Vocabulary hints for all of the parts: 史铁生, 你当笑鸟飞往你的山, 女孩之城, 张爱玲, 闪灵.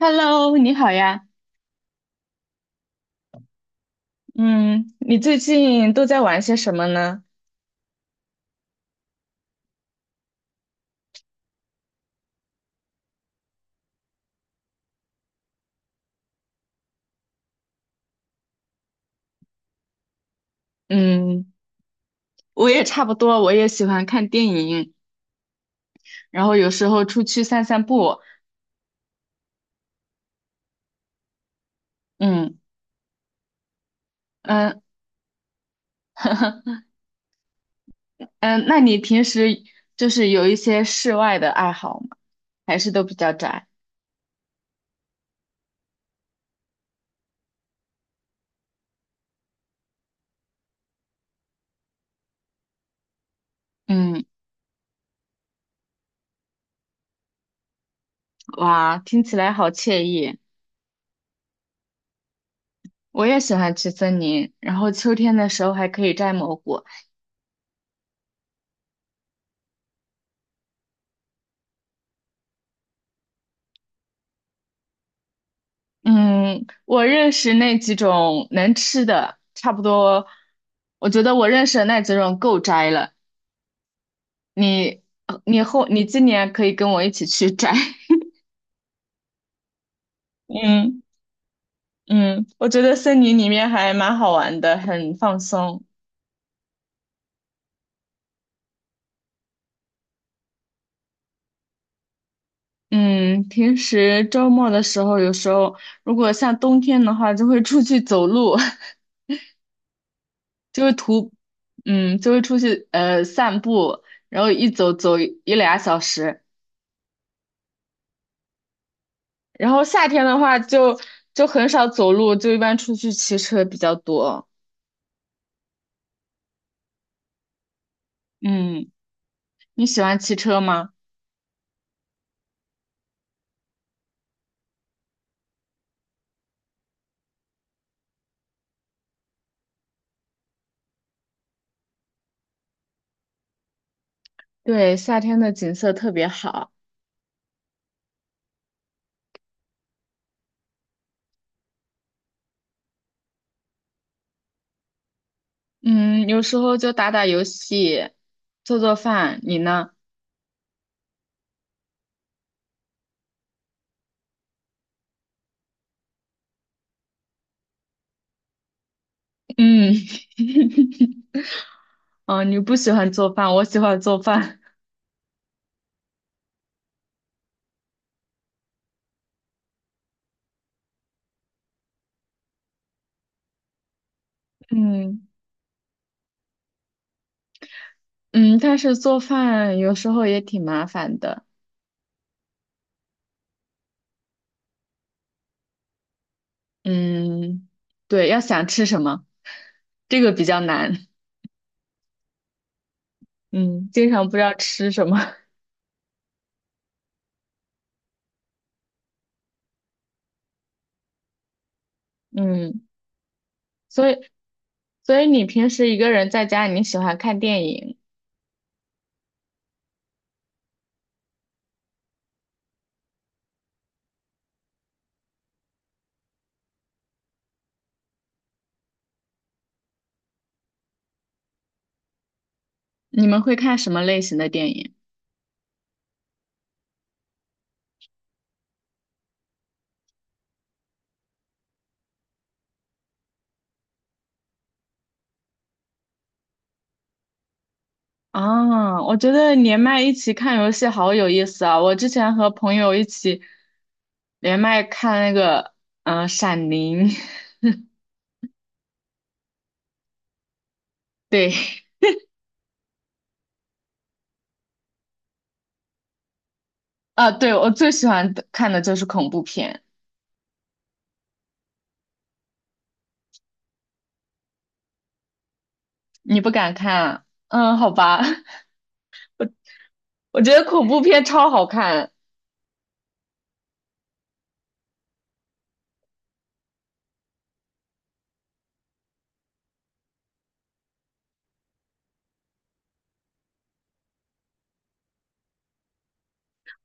Hello，你好呀。嗯，你最近都在玩些什么呢？嗯，我也差不多，我也喜欢看电影，然后有时候出去散散步。嗯嗯 嗯，那你平时就是有一些室外的爱好吗？还是都比较宅？嗯，哇，听起来好惬意。我也喜欢去森林，然后秋天的时候还可以摘蘑菇。嗯，我认识那几种能吃的，差不多。我觉得我认识的那几种够摘了。你今年可以跟我一起去摘。嗯嗯，我觉得森林里面还蛮好玩的，很放松。嗯，平时周末的时候，有时候如果像冬天的话，就会出去走路，就会徒，嗯，就会出去散步，然后一走走一俩小时。然后夏天的话就很少走路，就一般出去骑车比较多。嗯，你喜欢骑车吗？对，夏天的景色特别好。嗯，有时候就打打游戏，做做饭。你呢？嗯，哦，你不喜欢做饭，我喜欢做饭。嗯嗯，但是做饭有时候也挺麻烦的。嗯，对，要想吃什么，这个比较难。嗯，经常不知道吃什么。嗯，所以所以你平时一个人在家，你喜欢看电影，你们会看什么类型的电影？啊，我觉得连麦一起看游戏好有意思啊！我之前和朋友一起连麦看那个，《闪灵》，对，啊，对，我最喜欢的看的就是恐怖片，你不敢看啊嗯，好吧，我觉得恐怖片超好看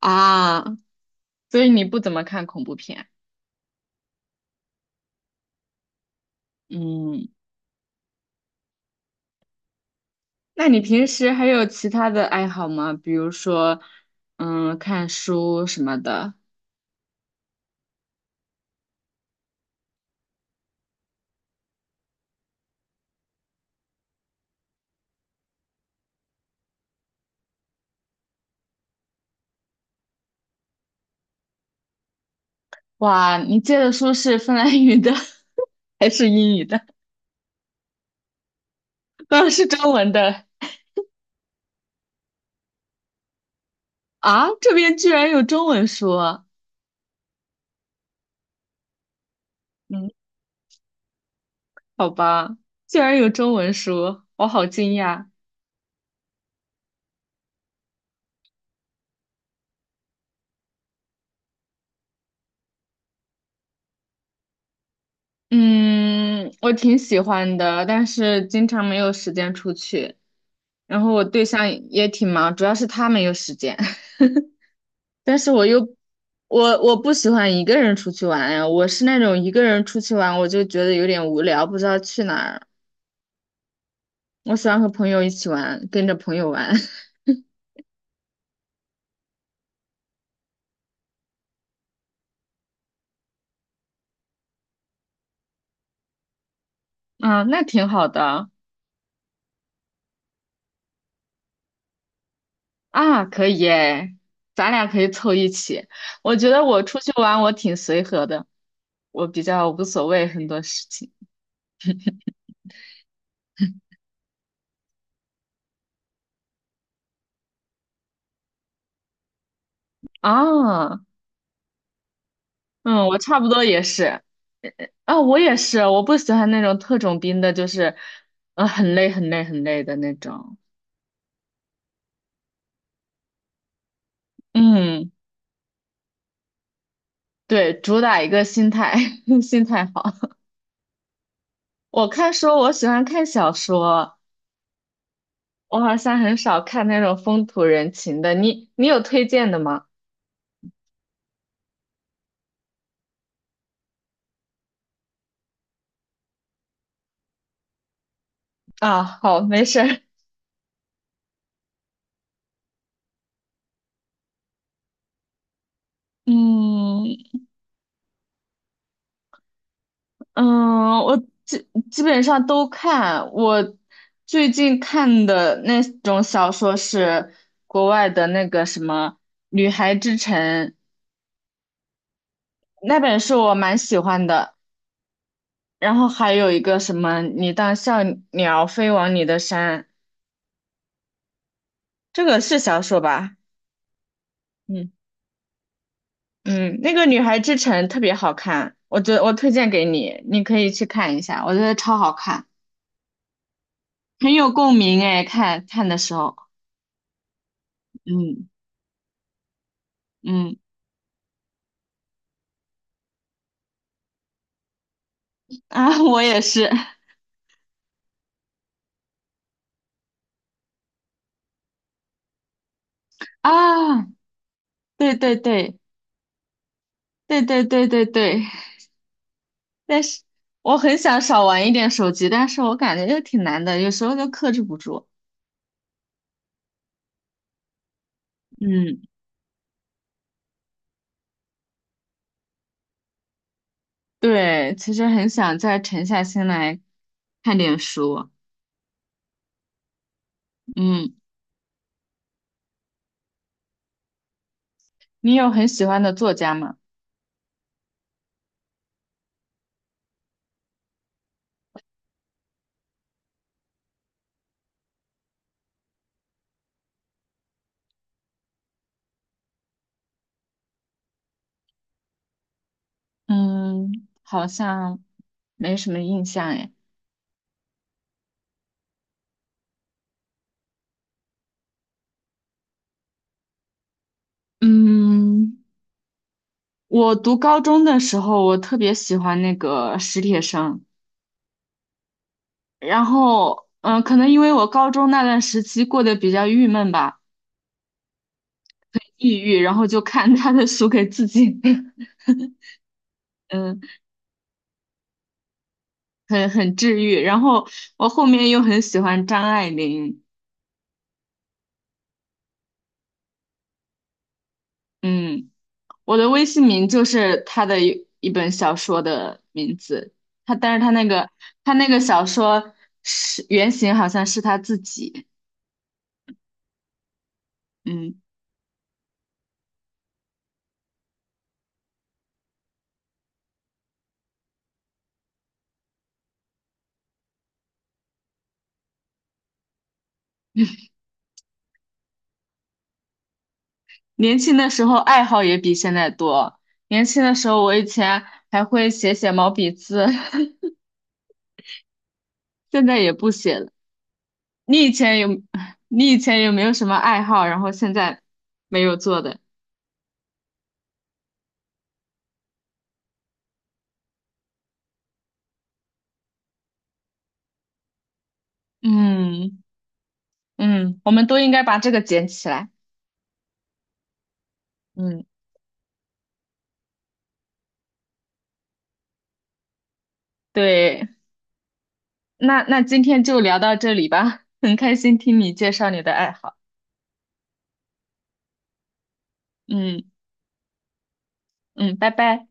啊，所以你不怎么看恐怖片，嗯。那你平时还有其他的爱好吗？比如说，看书什么的。哇，你借的书是芬兰语的 还是英语的？当然是中文的啊！这边居然有中文书啊，嗯，好吧，居然有中文书，我好惊讶。嗯，我挺喜欢的，但是经常没有时间出去。然后我对象也挺忙，主要是他没有时间。但是我又我不喜欢一个人出去玩呀，我是那种一个人出去玩我就觉得有点无聊，不知道去哪儿。我喜欢和朋友一起玩，跟着朋友玩。嗯，那挺好的啊，可以耶，咱俩可以凑一起。我觉得我出去玩我挺随和的，我比较无所谓很多事情。啊，嗯，我差不多也是。啊，我也是，我不喜欢那种特种兵的，就是，很累很累很累的那种。嗯。对，主打一个心态，心态好。我看书，我喜欢看小说，我好像很少看那种风土人情的。你有推荐的吗？啊，好，没事儿。嗯嗯，我基本上都看。我最近看的那种小说是国外的那个什么《女孩之城》，那本书我蛮喜欢的。然后还有一个什么《你当笑鸟飞往你的山》。这个是小说吧？嗯嗯，那个《女孩之城》特别好看，我觉得我推荐给你，你可以去看一下，我觉得超好看，很有共鸣哎，看看的时候，嗯嗯 啊，我也是啊，对对对对对对对对，但是我很想少玩一点手机，但是我感觉又挺难的，有时候就克制不住。嗯，对，其实很想再沉下心来看点书。嗯，你有很喜欢的作家吗？嗯，好像没什么印象哎。嗯，我读高中的时候，我特别喜欢那个史铁生，然后可能因为我高中那段时期过得比较郁闷吧，抑郁，然后就看他的书给自己，嗯，很治愈。然后我后面又很喜欢张爱玲，嗯。我的微信名就是他的一本小说的名字，但是他那个小说是原型好像是他自己，嗯，年轻的时候爱好也比现在多，年轻的时候我以前还会写写毛笔字，现在也不写了。你以前有 你以前有没有什么爱好，然后现在没有做的？嗯嗯，我们都应该把这个捡起来。嗯，对。那今天就聊到这里吧，很开心听你介绍你的爱好。嗯嗯，拜拜。